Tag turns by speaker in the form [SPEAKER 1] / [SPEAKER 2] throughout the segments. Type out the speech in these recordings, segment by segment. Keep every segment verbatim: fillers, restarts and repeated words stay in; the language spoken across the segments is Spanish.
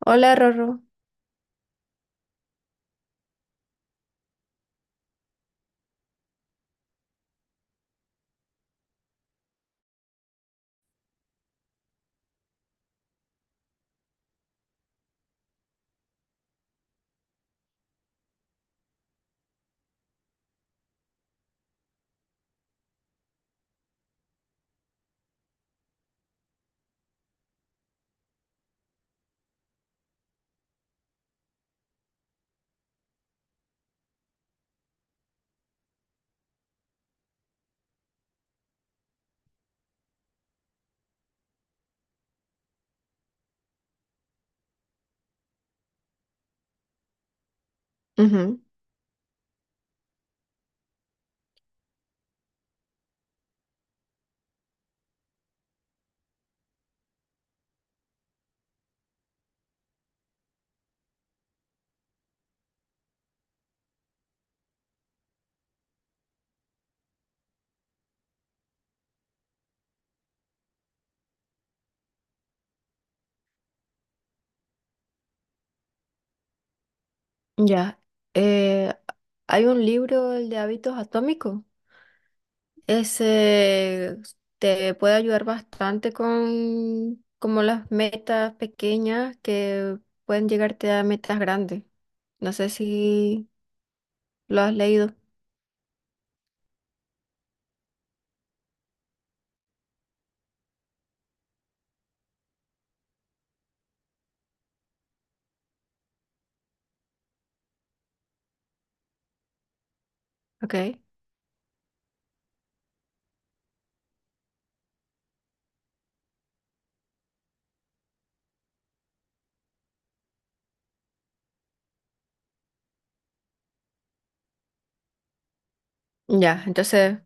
[SPEAKER 1] Hola, Rorro. Ujú, ya. Eh, Hay un libro, el de hábitos atómicos. Ese te puede ayudar bastante con como las metas pequeñas que pueden llegarte a metas grandes. No sé si lo has leído. Ok. Ya, entonces,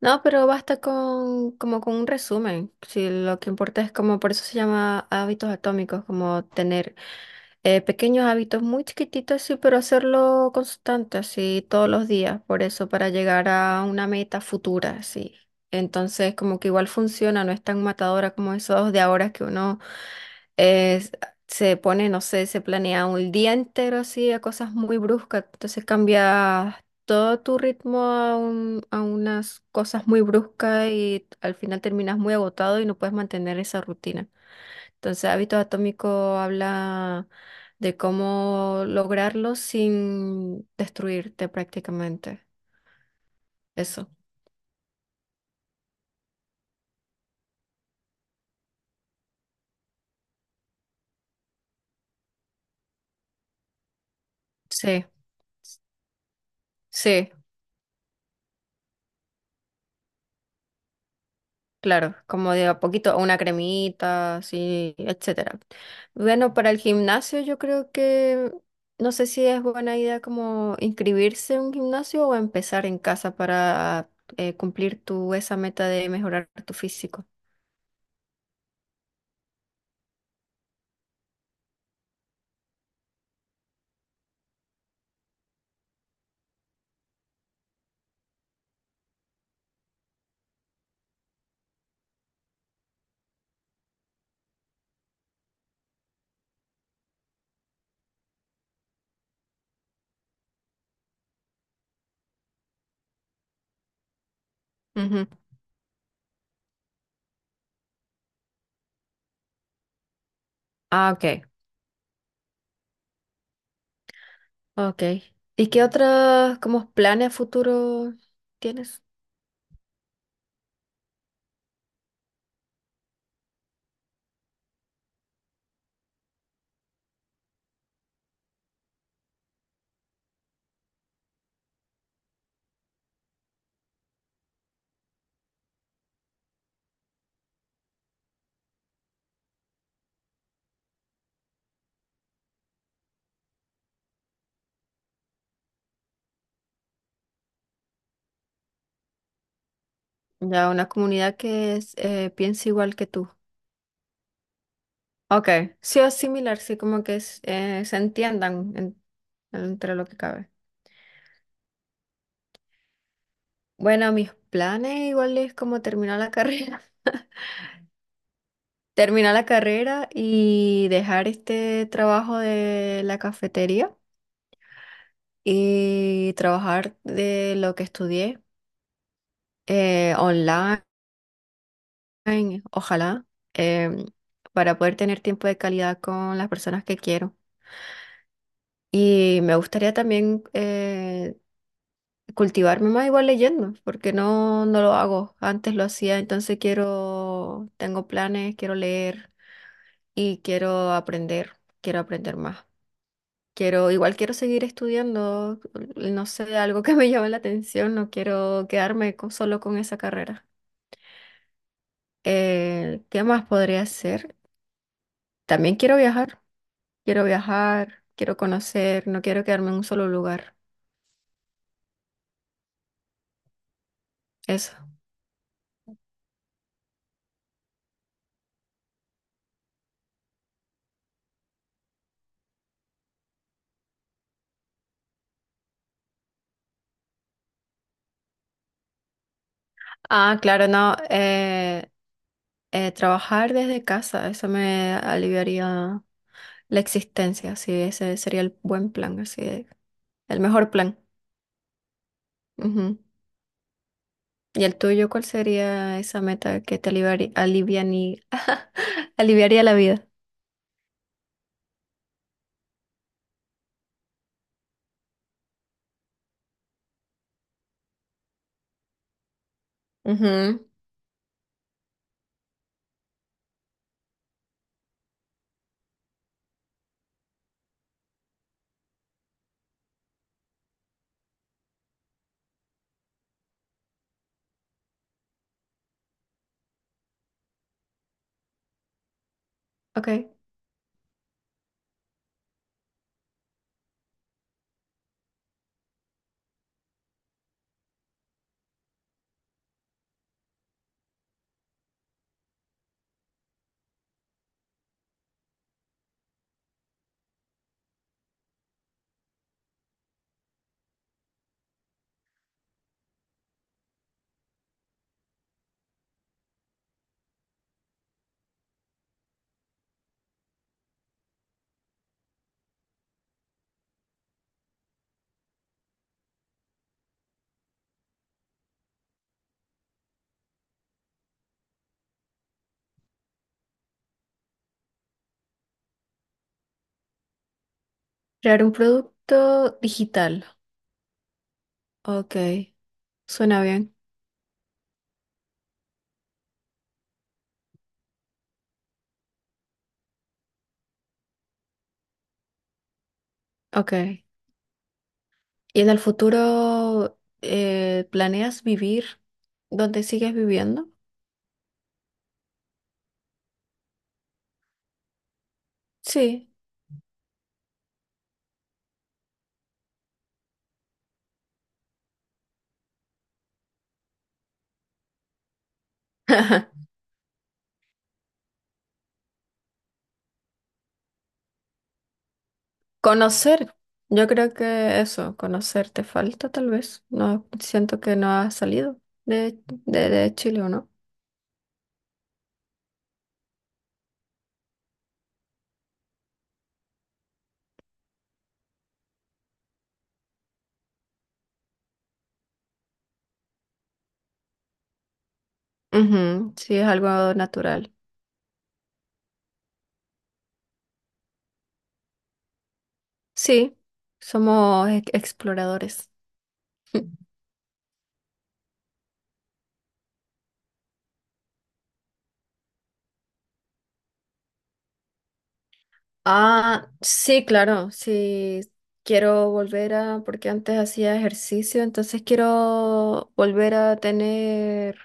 [SPEAKER 1] no, pero basta con como con un resumen. Si lo que importa es como, por eso se llama hábitos atómicos, como tener eh, pequeños hábitos muy chiquititos, sí, pero hacerlo constante, así todos los días, por eso, para llegar a una meta futura, sí. Entonces, como que igual funciona, no es tan matadora como esos de ahora que uno eh, se pone, no sé, se planea un día entero así a cosas muy bruscas, entonces cambia todo tu ritmo a, un- a unas cosas muy bruscas y al final terminas muy agotado y no puedes mantener esa rutina. Entonces, hábito atómico habla de cómo lograrlo sin destruirte prácticamente. Eso. Sí, sí, claro. Como de a poquito, una cremita, sí, etcétera. Bueno, para el gimnasio yo creo que no sé si es buena idea como inscribirse en un gimnasio o empezar en casa para eh, cumplir tu esa meta de mejorar tu físico. Ujú. Ah, ok. Ok. ¿Y qué otros como planes a futuro tienes? Ya una comunidad que es, eh, piense igual que tú. Ok. Sí o similar, sí, como que es- eh, se entiendan en- entre lo que cabe. Bueno, mis planes igual es como terminar la carrera. Terminar la carrera y dejar este trabajo de la cafetería y trabajar de lo que estudié eh, online. Ay, ojalá. em, para poder tener tiempo de calidad con las personas que quiero. Y me gustaría también eh, cultivarme más igual leyendo, porque no, no lo hago. Antes lo hacía, entonces quiero, tengo planes, quiero leer y quiero aprender, quiero aprender más. Quiero, igual quiero seguir estudiando, no sé, algo que me llame la atención, no quiero quedarme con- solo con esa carrera. Eh, ¿qué más podría hacer? También quiero viajar. Quiero viajar, quiero conocer, no quiero quedarme en un solo lugar. Eso. Ah, claro, no. Eh, eh, trabajar desde casa, eso me aliviaría la existencia. Sí, ese sería el buen plan, así, de- el mejor plan. Ujú. ¿Y el tuyo, cuál sería esa meta que te aliviaría, aliviani- aliviaría la vida? Ujú. Ok. Crear un producto digital. Ok. Suena bien. Ok. ¿Y en el futuro eh, planeas vivir donde sigues viviendo? Sí. Conocer. Yo creo que eso, conocer te falta tal vez. No siento que no has salido de, de, de Chile, ¿o no? Ujú, sí, es algo natural. Sí, somos e- exploradores. Ah, sí, claro, sí. Quiero volver a, porque antes hacía ejercicio, entonces quiero volver a tener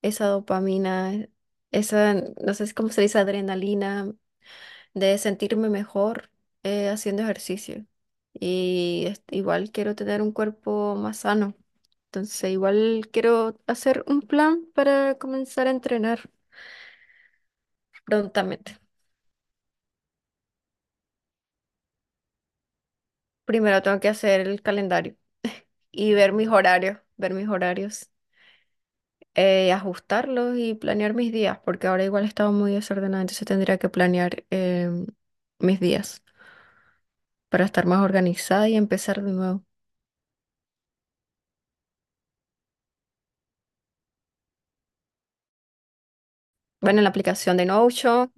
[SPEAKER 1] esa dopamina, esa, no sé cómo se dice, adrenalina de sentirme mejor eh, haciendo ejercicio. Y este, igual quiero tener un cuerpo más sano. Entonces, igual quiero hacer un plan para comenzar a entrenar prontamente. Primero tengo que hacer el calendario y ver mis horarios, ver mis horarios, eh, ajustarlos y planear mis días, porque ahora igual he estado muy desordenada, entonces tendría que planear em, mis días, para estar más organizada y empezar de nuevo. Bueno, en la aplicación de Notion,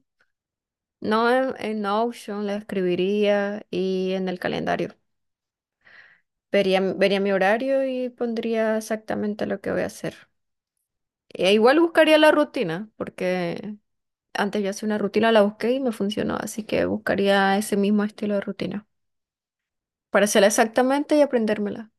[SPEAKER 1] no en, en Notion la escribiría y en el calendario. Vería, vería mi horario y pondría exactamente lo que voy a hacer. E igual buscaría la rutina, porque antes yo hacía una rutina, la busqué y me funcionó, así que buscaría ese mismo estilo de rutina para hacerla exactamente y aprendérmela.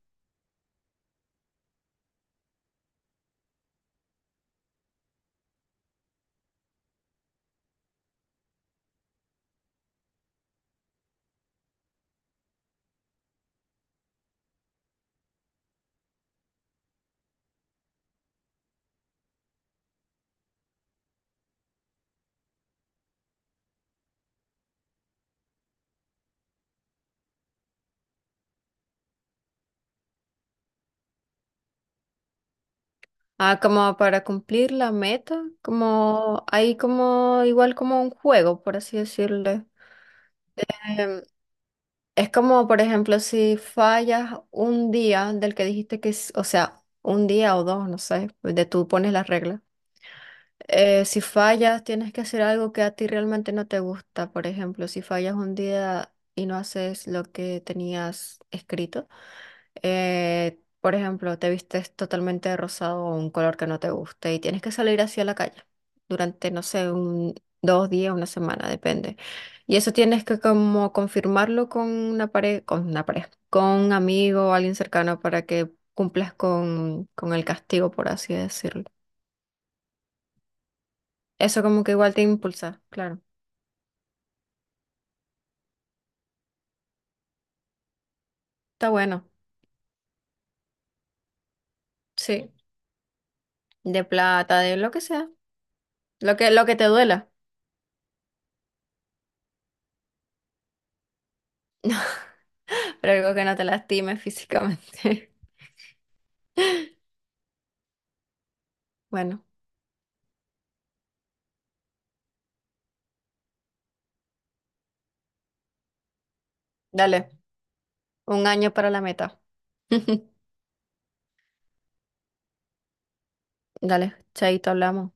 [SPEAKER 1] Ah, como para cumplir la meta, como ahí como igual como un juego, por así decirlo. Es como, por ejemplo, si fallas un día del que dijiste que, es- o sea, un día o dos, no sé, de tú pones las reglas. Eh, si fallas, tienes que hacer algo que a ti realmente no te gusta. Por ejemplo, si fallas un día y no haces lo que tenías escrito, eh, por ejemplo, te vistes totalmente de rosado o un color que no te guste y tienes que salir así a la calle durante, no sé, un, dos días, una semana, depende. Y eso tienes que como confirmarlo con una pareja, con una pareja, con un amigo o alguien cercano para que cumplas con, con el castigo, por así decirlo. Eso como que igual te impulsa, claro. Está bueno, sí. De plata, de lo que sea. Lo que, lo que te duela. Pero algo que no te lastime físicamente. Bueno, dale. Un año para la meta. Dale, chaito, hablamos.